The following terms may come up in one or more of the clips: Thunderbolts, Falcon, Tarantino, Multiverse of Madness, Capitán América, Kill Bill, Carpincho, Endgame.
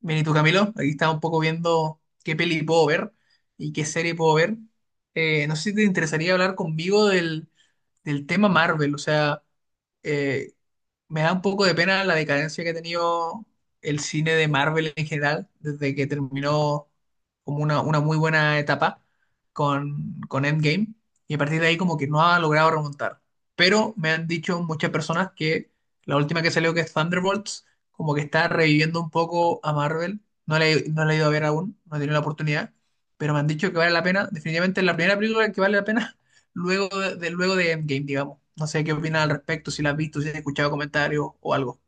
Bien, ¿y tú, Camilo? Aquí estaba un poco viendo qué peli puedo ver y qué serie puedo ver. No sé si te interesaría hablar conmigo del tema Marvel, o sea, eh, me da un poco de pena la decadencia que ha tenido el cine de Marvel en general, desde que terminó como una muy buena etapa con Endgame, y a partir de ahí como que no ha logrado remontar. Pero me han dicho muchas personas que la última que salió, que es Thunderbolts, como que está reviviendo un poco a Marvel. No la he ido a ver aún, no he tenido la oportunidad, pero me han dicho que vale la pena. Definitivamente es la primera película que vale la pena luego luego de Endgame, digamos. No sé qué opinas al respecto, si la has visto, si has escuchado comentarios o algo.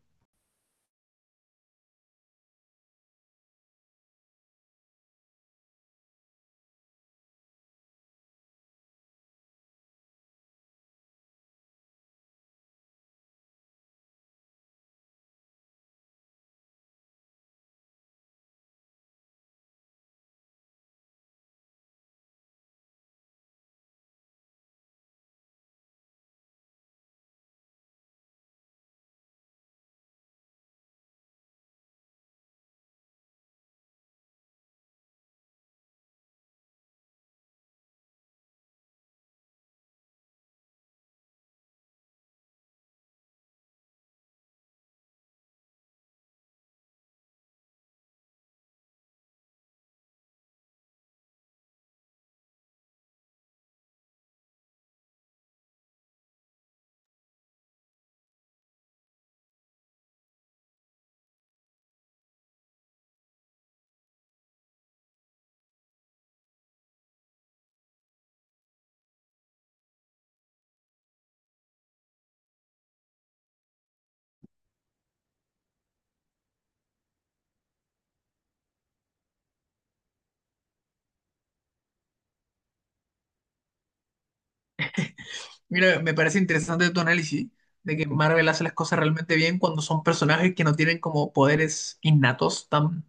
Mira, me parece interesante tu análisis de que Marvel hace las cosas realmente bien cuando son personajes que no tienen como poderes innatos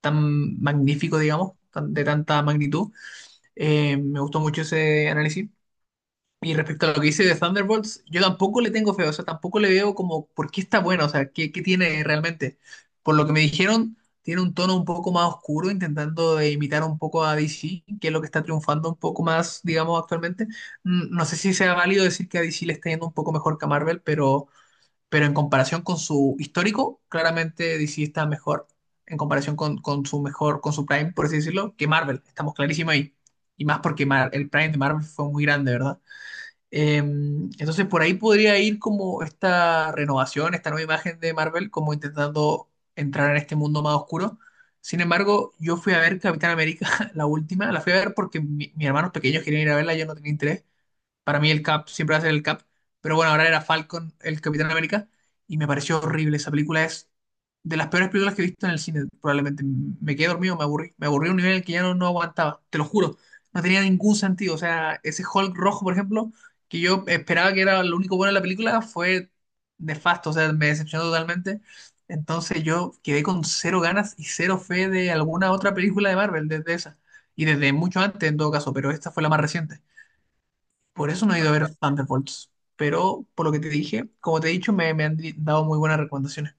tan magníficos, digamos, de tanta magnitud. Me gustó mucho ese análisis. Y respecto a lo que dice de Thunderbolts, yo tampoco le tengo fe, o sea, tampoco le veo como por qué está bueno, o sea, qué tiene realmente. Por lo que me dijeron, tiene un tono un poco más oscuro, intentando de imitar un poco a DC, que es lo que está triunfando un poco más, digamos, actualmente. No sé si sea válido decir que a DC le está yendo un poco mejor que a Marvel, pero en comparación con su histórico, claramente DC está mejor en comparación con su mejor, con su Prime, por así decirlo, que Marvel. Estamos clarísimos ahí. Y más porque el Prime de Marvel fue muy grande, ¿verdad? Entonces por ahí podría ir como esta renovación, esta nueva imagen de Marvel, como intentando entrar en este mundo más oscuro. Sin embargo, yo fui a ver Capitán América, la última, la fui a ver porque mis hermanos pequeños querían ir a verla, yo no tenía interés. Para mí el Cap siempre va a ser el Cap. Pero bueno, ahora era Falcon, el Capitán América. Y me pareció horrible. Esa película es de las peores películas que he visto en el cine. Probablemente me quedé dormido, me aburrí. Me aburrí a un nivel en el que ya no aguantaba. Te lo juro. No tenía ningún sentido. O sea, ese Hulk rojo, por ejemplo, que yo esperaba que era lo único bueno de la película, fue nefasto. O sea, me decepcionó totalmente. Entonces yo quedé con cero ganas y cero fe de alguna otra película de Marvel desde esa. Y desde mucho antes en todo caso, pero esta fue la más reciente. Por eso no he ido a ver Thunderbolts. Pero por lo que te dije, como te he dicho, me han dado muy buenas recomendaciones.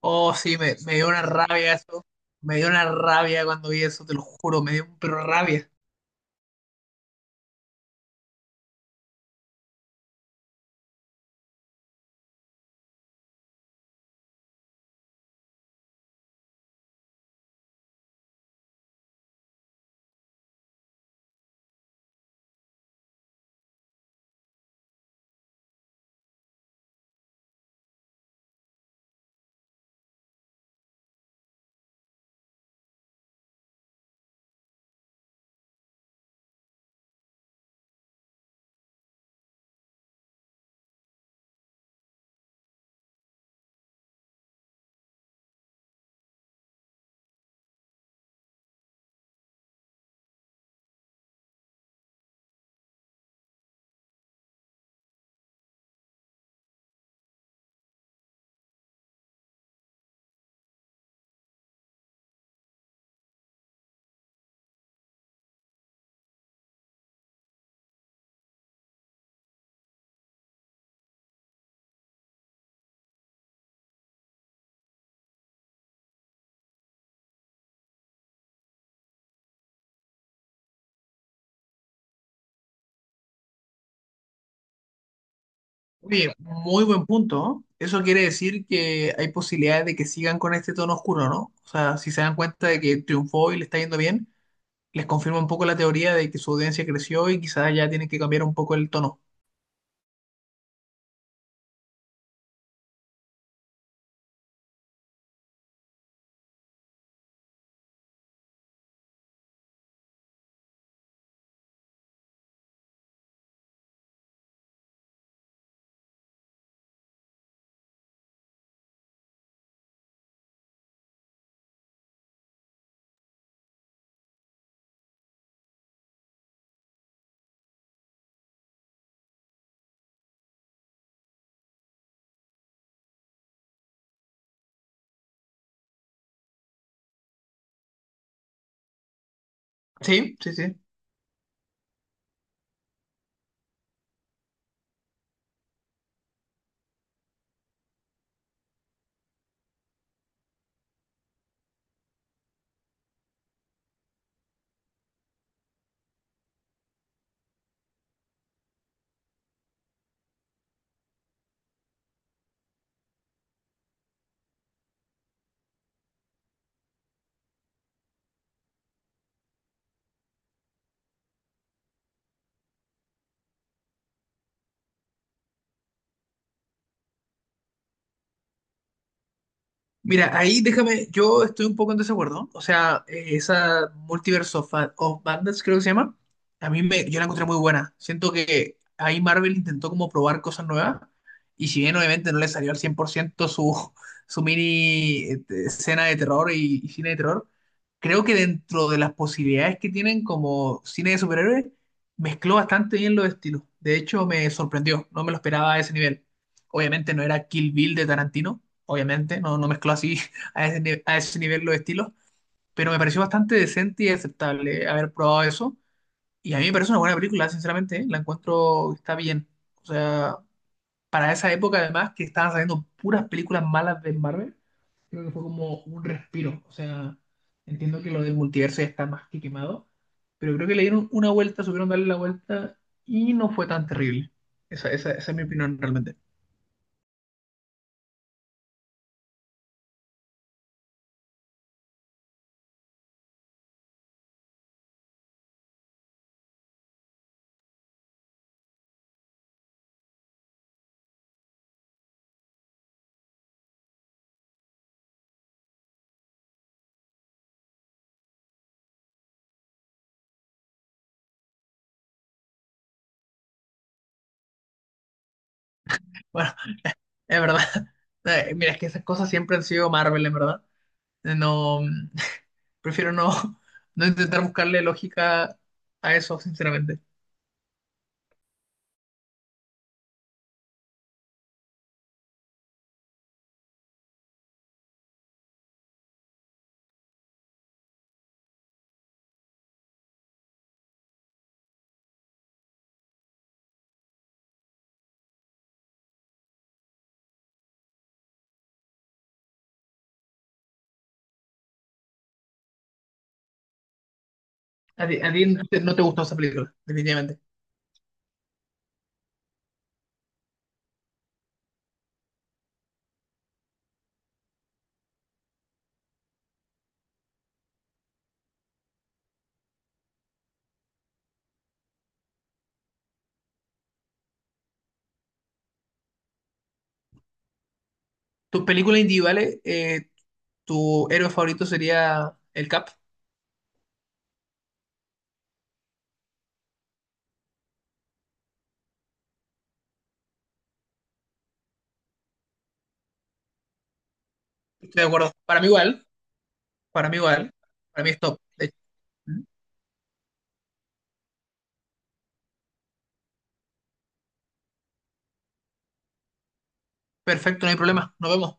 Oh, sí, me dio una rabia eso. Me dio una rabia cuando vi eso, te lo juro, me dio pero rabia. Oye, muy buen punto, ¿no? Eso quiere decir que hay posibilidades de que sigan con este tono oscuro, ¿no? O sea, si se dan cuenta de que triunfó y le está yendo bien, les confirma un poco la teoría de que su audiencia creció y quizás ya tienen que cambiar un poco el tono. Sí, sí, sí. Mira, ahí déjame, yo estoy un poco en desacuerdo. O sea, esa Multiverse of Madness creo que se llama, yo la encontré muy buena. Siento que ahí Marvel intentó como probar cosas nuevas y si bien obviamente no le salió al 100% su, su mini escena de terror y cine de terror, creo que dentro de las posibilidades que tienen como cine de superhéroes, mezcló bastante bien los estilos. De hecho, me sorprendió, no me lo esperaba a ese nivel. Obviamente no era Kill Bill de Tarantino obviamente, no mezcló así a ese, ni- a ese nivel los estilos, pero me pareció bastante decente y aceptable haber probado eso. Y a mí me parece una buena película, sinceramente, ¿eh? La encuentro que está bien. O sea, para esa época además que estaban saliendo puras películas malas de Marvel, creo que fue como un respiro. O sea, entiendo que lo del multiverso ya está más que quemado, pero creo que le dieron una vuelta, supieron darle la vuelta y no fue tan terrible. Esa es mi opinión realmente. Es verdad. Mira, es que esas cosas siempre han sido Marvel, en verdad. No, prefiero no, no intentar buscarle lógica a eso, sinceramente. A ti no te gustó esa película, definitivamente. Tus películas individuales, tu héroe favorito sería el Cap. Estoy de acuerdo. Para mí igual, para mí es top. De hecho. Perfecto, no hay problema. Nos vemos.